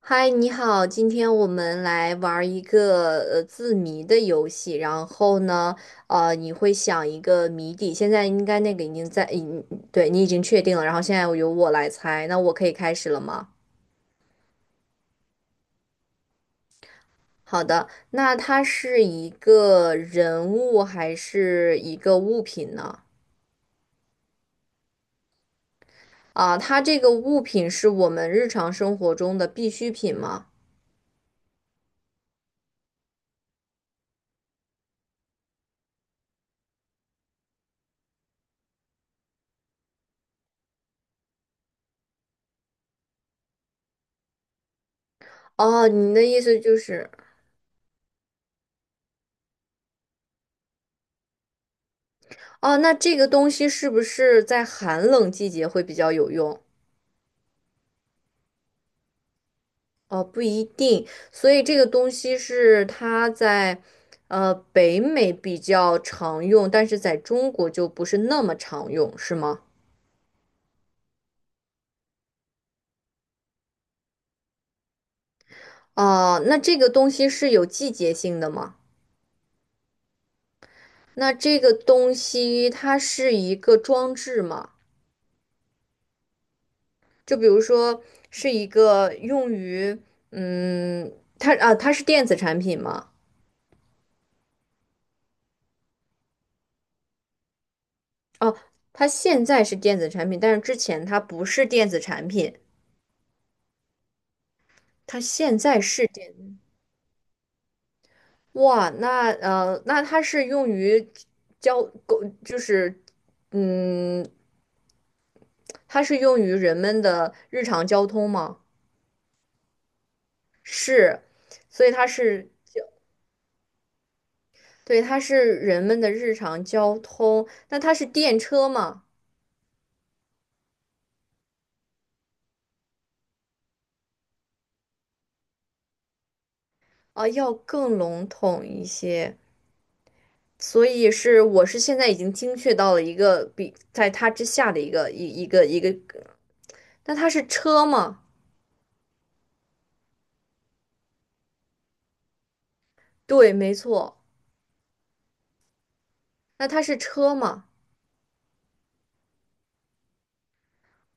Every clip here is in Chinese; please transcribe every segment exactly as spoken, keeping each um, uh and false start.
嗨，你好，今天我们来玩儿一个呃字谜的游戏。然后呢，呃，你会想一个谜底，现在应该那个已经在，已对你已经确定了。然后现在由我来猜，那我可以开始了吗？好的，那它是一个人物还是一个物品呢？啊，它这个物品是我们日常生活中的必需品吗？哦，你的意思就是，哦，那这个东西是不是在寒冷季节会比较有用？哦，不一定，所以这个东西是它在，呃，北美比较常用，但是在中国就不是那么常用，是吗？哦，那这个东西是有季节性的吗？那这个东西它是一个装置吗？就比如说是一个用于，嗯，它啊，它是电子产品吗？哦，它现在是电子产品，但是之前它不是电子产品，它现在是电。哇，那呃，那它是用于交沟，狗就是嗯，它是用于人们的日常交通吗？是，所以它是，对，它是人们的日常交通。那它是电车吗？啊，要更笼统一些。所以是，我是现在已经精确到了一个比在它之下的一个一一个一个。那它是车吗？对，没错。那它是车吗？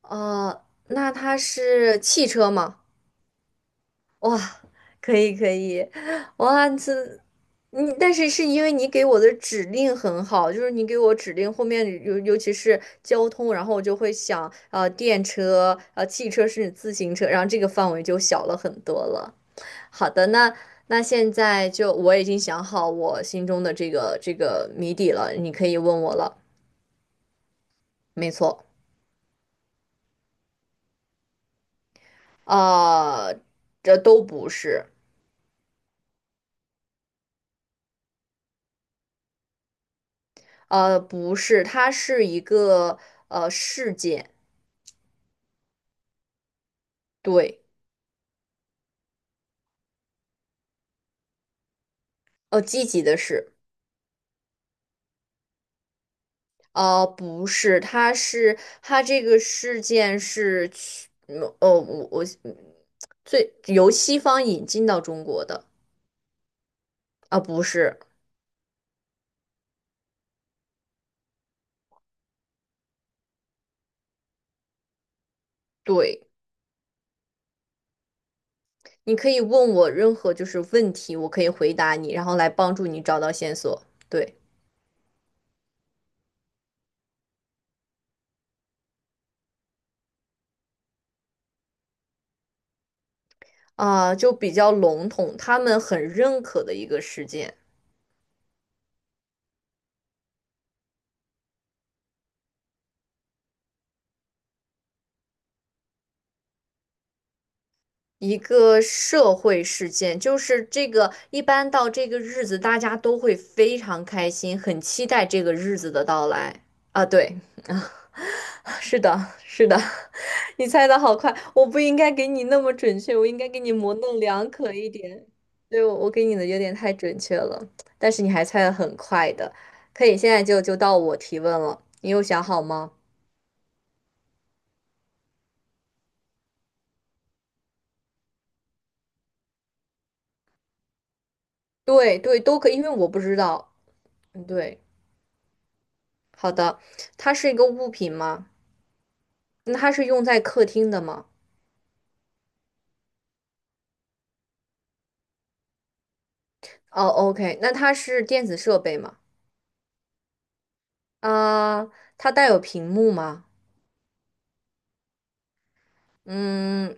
哦，那它是汽车吗？哇，可以可以，哇，这你但是是因为你给我的指令很好，就是你给我指令后面尤尤其是交通，然后我就会想，呃，电车、呃，汽车是至自行车，然后这个范围就小了很多了。好的，那那现在就我已经想好我心中的这个这个谜底了，你可以问我了。没错，呃，这都不是。呃，不是，它是一个呃事件，对，呃，积极的事，呃，不是，它是它这个事件是去，嗯呃，我我嗯最由西方引进到中国的，啊、不是，对，你可以问我任何就是问题，我可以回答你，然后来帮助你找到线索，对，啊、就比较笼统，他们很认可的一个事件。一个社会事件，就是这个一般到这个日子，大家都会非常开心，很期待这个日子的到来啊。对，是的，是的，你猜的好快，我不应该给你那么准确，我应该给你模棱两可一点。对，我我给你的有点太准确了，但是你还猜的很快的，可以现在就就到我提问了，你有想好吗？对对，都可以，因为我不知道。嗯，对，好的，它是一个物品吗？那它是用在客厅的吗？哦，OK，那它是电子设备吗？啊，它带有屏幕吗？嗯，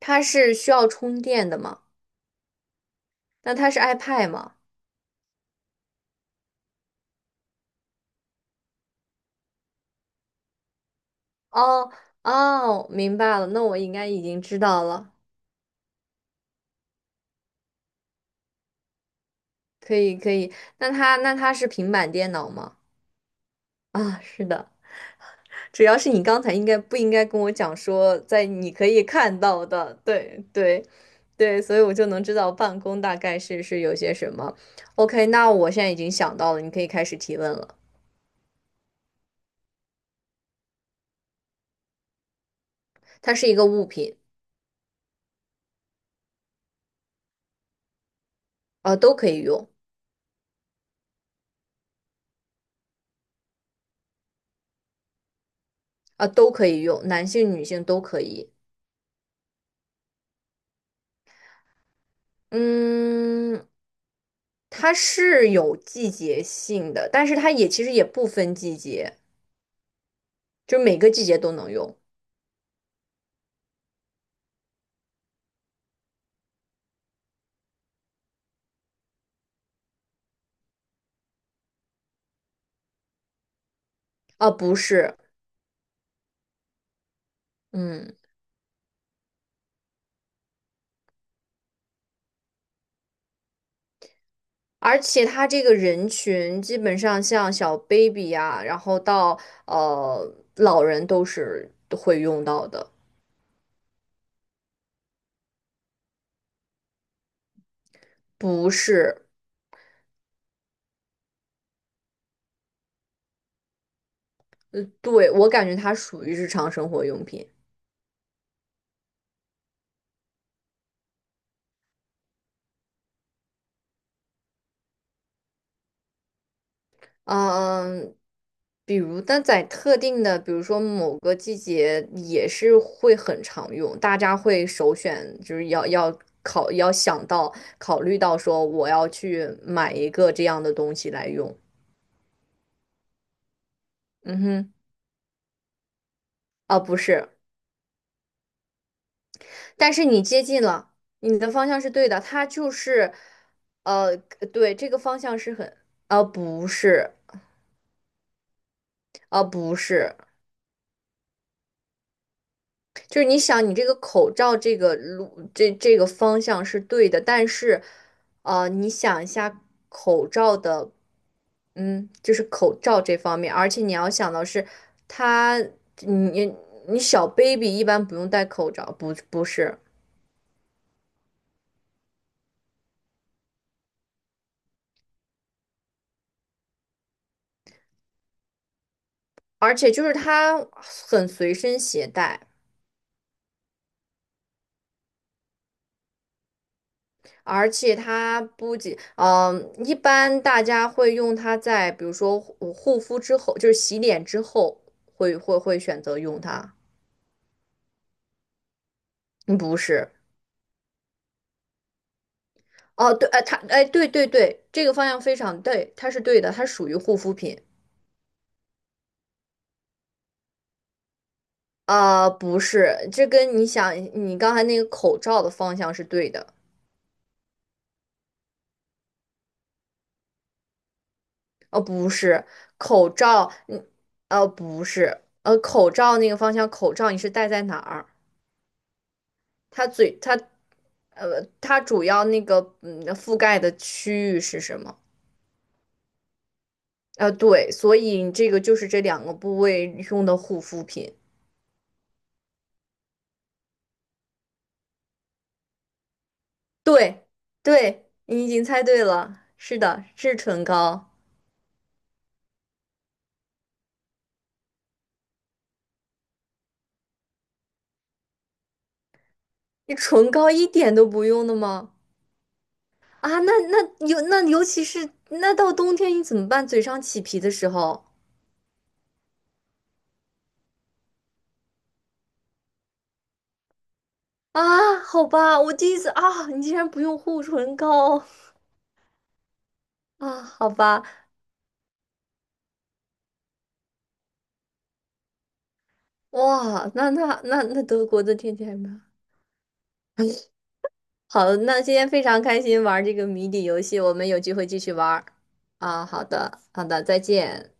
它是需要充电的吗？那它是 iPad 吗？哦哦，明白了，那我应该已经知道了，可以可以。那它那它是平板电脑吗？啊，是的，主要是你刚才应该不应该跟我讲说，在你可以看到的，对对。对，所以我就能知道办公大概是是有些什么。OK，那我现在已经想到了，你可以开始提问了。它是一个物品，啊、都可以用，啊、都可以用，男性、女性都可以。嗯，它是有季节性的，但是它也其实也不分季节，就每个季节都能用。啊、不是，嗯，而且它这个人群基本上像小 baby 呀、然后到呃老人都是会用到的。不是，呃，对，我感觉它属于日常生活用品。嗯，比如，但在特定的，比如说某个季节，也是会很常用，大家会首选，就是要要考，要想到考虑到说我要去买一个这样的东西来用。嗯哼，啊，不是，但是你接近了，你的方向是对的，它就是，呃，对，这个方向是很，啊，不是，啊，不是。就是你想，你这个口罩这个路这这个方向是对的，但是，呃，你想一下口罩的，嗯，就是口罩这方面，而且你要想到是它，你你小 baby 一般不用戴口罩，不不是，而且就是它很随身携带。而且它不仅，嗯、一般大家会用它在，比如说护护肤之后，就是洗脸之后，会会会选择用它。嗯，不是。哦，对，哎，它，哎，对对对，这个方向非常对，它是对的，它属于护肤品。啊、不是，这跟你想你刚才那个口罩的方向是对的。哦，不是，口罩，嗯，哦，不是，呃，口罩那个方向，口罩你是戴在哪儿？它嘴，它，呃，它主要那个，嗯，覆盖的区域是什么？呃，对，所以这个就是这两个部位用的护肤品。对，对，你已经猜对了，是的，是唇膏。你唇膏一点都不用的吗？啊，那那尤那尤其是那到冬天你怎么办？嘴上起皮的时候啊，好吧，我第一次啊，你竟然不用护唇膏啊，好吧，哇，那那那那德国的天气还蛮好。那今天非常开心玩这个谜底游戏，我们有机会继续玩儿啊。好的，好的，再见。